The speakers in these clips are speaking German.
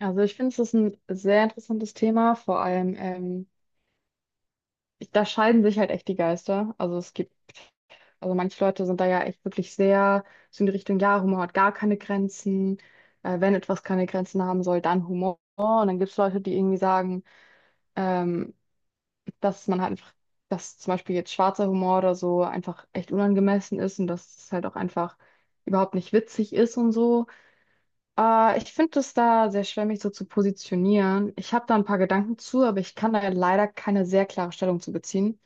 Also ich finde, es ist ein sehr interessantes Thema. Vor allem, ich, da scheiden sich halt echt die Geister. Also es gibt, also manche Leute sind da ja echt wirklich sehr so in die Richtung, ja, Humor hat gar keine Grenzen. Wenn etwas keine Grenzen haben soll, dann Humor. Und dann gibt es Leute, die irgendwie sagen, ähm, dass man halt einfach, dass zum Beispiel jetzt schwarzer Humor oder so einfach echt unangemessen ist und dass es halt auch einfach überhaupt nicht witzig ist und so. Ich finde es da sehr schwer, mich so zu positionieren. Ich habe da ein paar Gedanken zu, aber ich kann da leider keine sehr klare Stellung zu beziehen.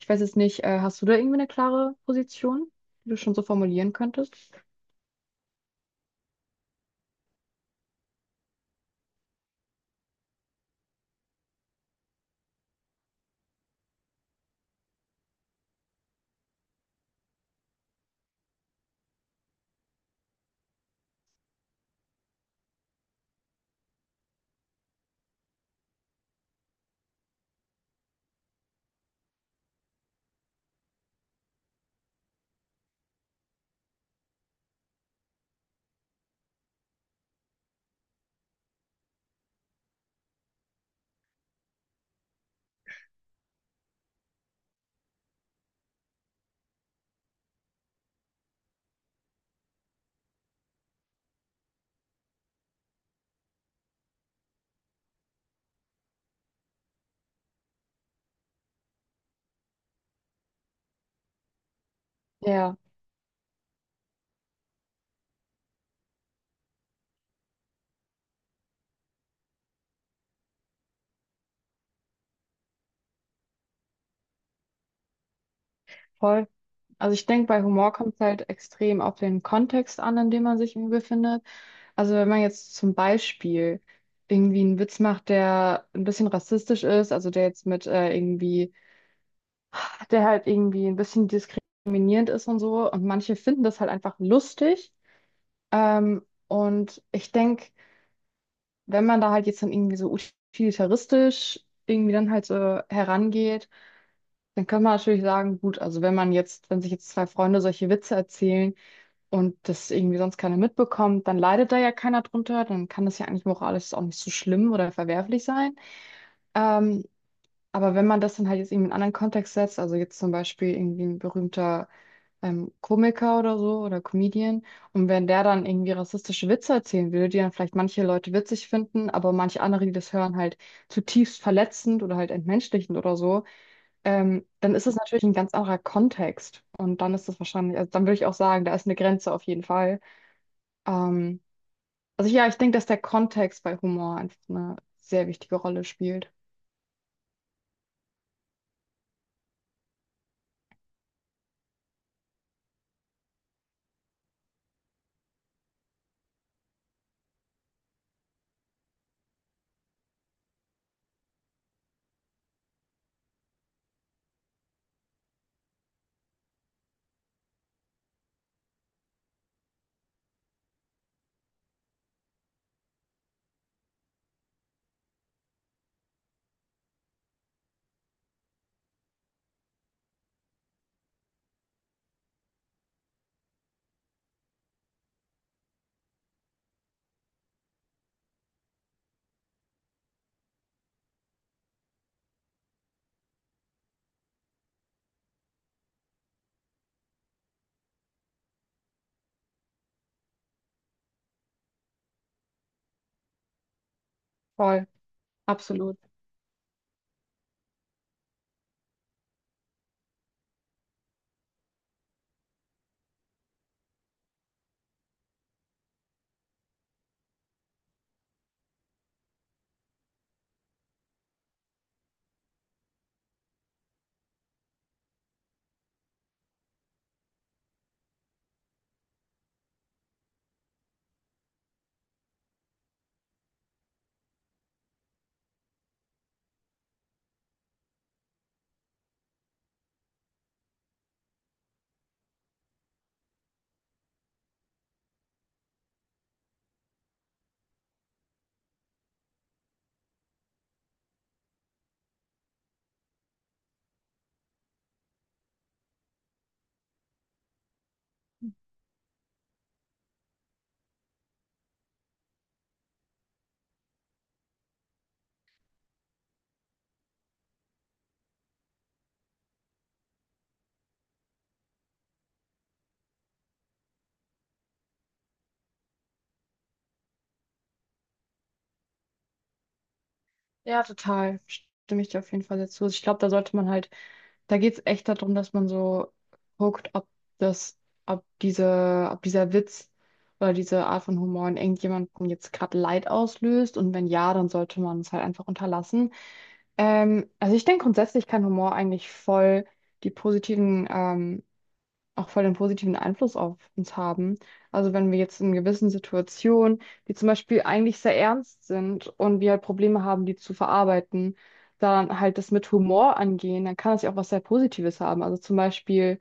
Ich weiß jetzt nicht, hast du da irgendwie eine klare Position, die du schon so formulieren könntest? Ja, voll. Also ich denke, bei Humor kommt es halt extrem auf den Kontext an, in dem man sich irgendwie befindet. Also wenn man jetzt zum Beispiel irgendwie einen Witz macht, der ein bisschen rassistisch ist, also der jetzt mit irgendwie der halt irgendwie ein bisschen diskriminierend ist und so. Und manche finden das halt einfach lustig. Und ich denke, wenn man da halt jetzt dann irgendwie so utilitaristisch irgendwie dann halt so herangeht, dann kann man natürlich sagen, gut, also wenn man jetzt, wenn sich jetzt zwei Freunde solche Witze erzählen und das irgendwie sonst keiner mitbekommt, dann leidet da ja keiner drunter, dann kann das ja eigentlich moralisch auch nicht so schlimm oder verwerflich sein. Ähm, Aber wenn man das dann halt jetzt irgendwie in einen anderen Kontext setzt, also jetzt zum Beispiel irgendwie ein berühmter Komiker oder so oder Comedian, und wenn der dann irgendwie rassistische Witze erzählen würde, die dann vielleicht manche Leute witzig finden, aber manche andere, die das hören, halt zutiefst verletzend oder halt entmenschlichend oder so, dann ist es natürlich ein ganz anderer Kontext. Und dann ist das wahrscheinlich, also dann würde ich auch sagen, da ist eine Grenze auf jeden Fall. Ähm, also ja, ich denke, dass der Kontext bei Humor einfach eine sehr wichtige Rolle spielt. Voll, absolut. Ja, total. Stimme ich dir auf jeden Fall dazu. Ich glaube, da sollte man halt, da geht es echt darum, dass man so guckt, ob das, ob diese, ob dieser Witz oder diese Art von Humor in irgendjemandem jetzt gerade Leid auslöst. Und wenn ja, dann sollte man es halt einfach unterlassen. Also ich denke grundsätzlich kann Humor eigentlich voll die positiven auch voll den positiven Einfluss auf uns haben. Also wenn wir jetzt in gewissen Situationen, die zum Beispiel eigentlich sehr ernst sind und wir halt Probleme haben, die zu verarbeiten, dann halt das mit Humor angehen, dann kann das ja auch was sehr Positives haben. Also zum Beispiel,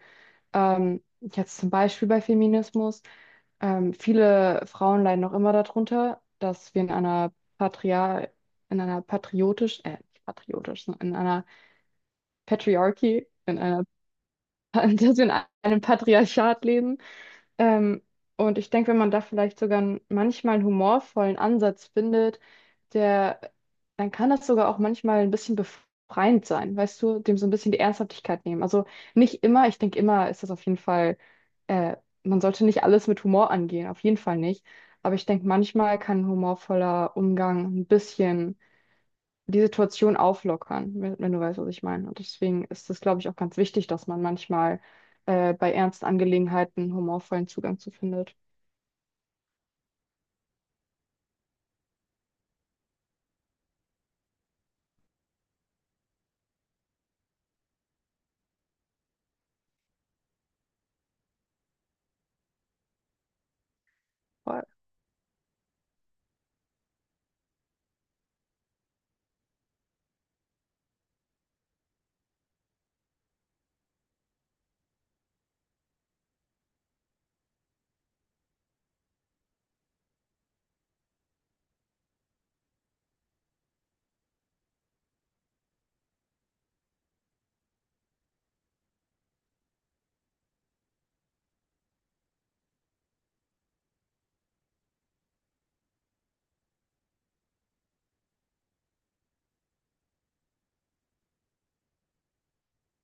jetzt zum Beispiel bei Feminismus, viele Frauen leiden noch immer darunter, dass wir in einer Patriar in einer patriotisch, nicht patriotisch, sondern in einer Patriarchie, in einer, dass wir in einem Patriarchat leben, ähm, und ich denke, wenn man da vielleicht sogar manchmal einen humorvollen Ansatz findet, der, dann kann das sogar auch manchmal ein bisschen befreiend sein, weißt du, dem so ein bisschen die Ernsthaftigkeit nehmen. Also nicht immer, ich denke, immer ist das auf jeden Fall, äh, man sollte nicht alles mit Humor angehen, auf jeden Fall nicht. Aber ich denke, manchmal kann ein humorvoller Umgang ein bisschen die Situation auflockern, wenn, wenn du weißt, was ich meine. Und deswegen ist es, glaube ich, auch ganz wichtig, dass man manchmal bei ernsten Angelegenheiten einen humorvollen Zugang zu findet. Voll,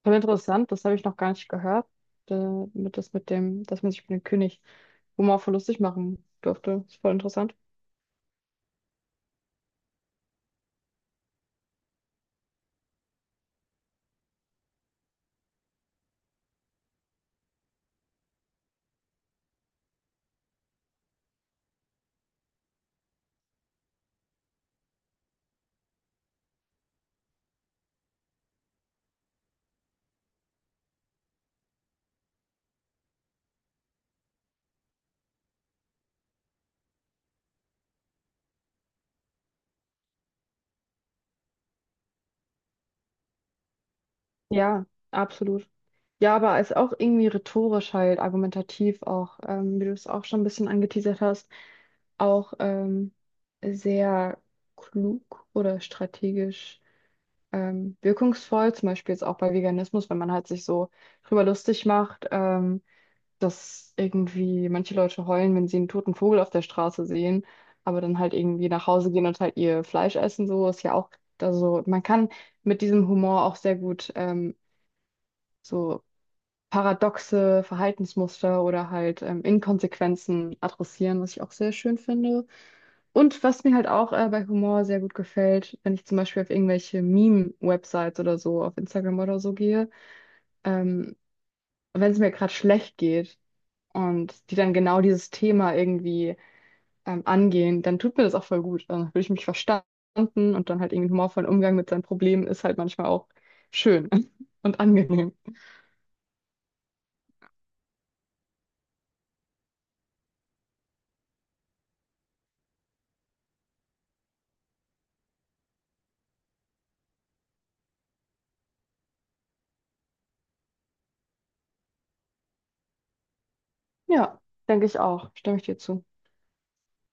voll interessant, das habe ich noch gar nicht gehört, äh, mit, das mit dem, dass man sich mit den König humorvoll lustig machen durfte. Ist voll interessant. Ja, absolut. Ja, aber es ist auch irgendwie rhetorisch halt, argumentativ auch, wie du es auch schon ein bisschen angeteasert hast, auch sehr klug oder strategisch wirkungsvoll, zum Beispiel jetzt auch bei Veganismus, wenn man halt sich so drüber lustig macht, dass irgendwie manche Leute heulen, wenn sie einen toten Vogel auf der Straße sehen, aber dann halt irgendwie nach Hause gehen und halt ihr Fleisch essen, so ist ja auch, also man kann mit diesem Humor auch sehr gut so paradoxe Verhaltensmuster oder halt Inkonsequenzen adressieren, was ich auch sehr schön finde. Und was mir halt auch bei Humor sehr gut gefällt, wenn ich zum Beispiel auf irgendwelche Meme-Websites oder so, auf Instagram oder so gehe, ähm, wenn es mir gerade schlecht geht und die dann genau dieses Thema irgendwie angehen, dann tut mir das auch voll gut. Dann fühle ich mich verstanden und dann halt irgendwie einen humorvollen Umgang mit seinen Problemen ist halt manchmal auch schön und angenehm. Ja, denke ich auch. Stimme ich dir zu.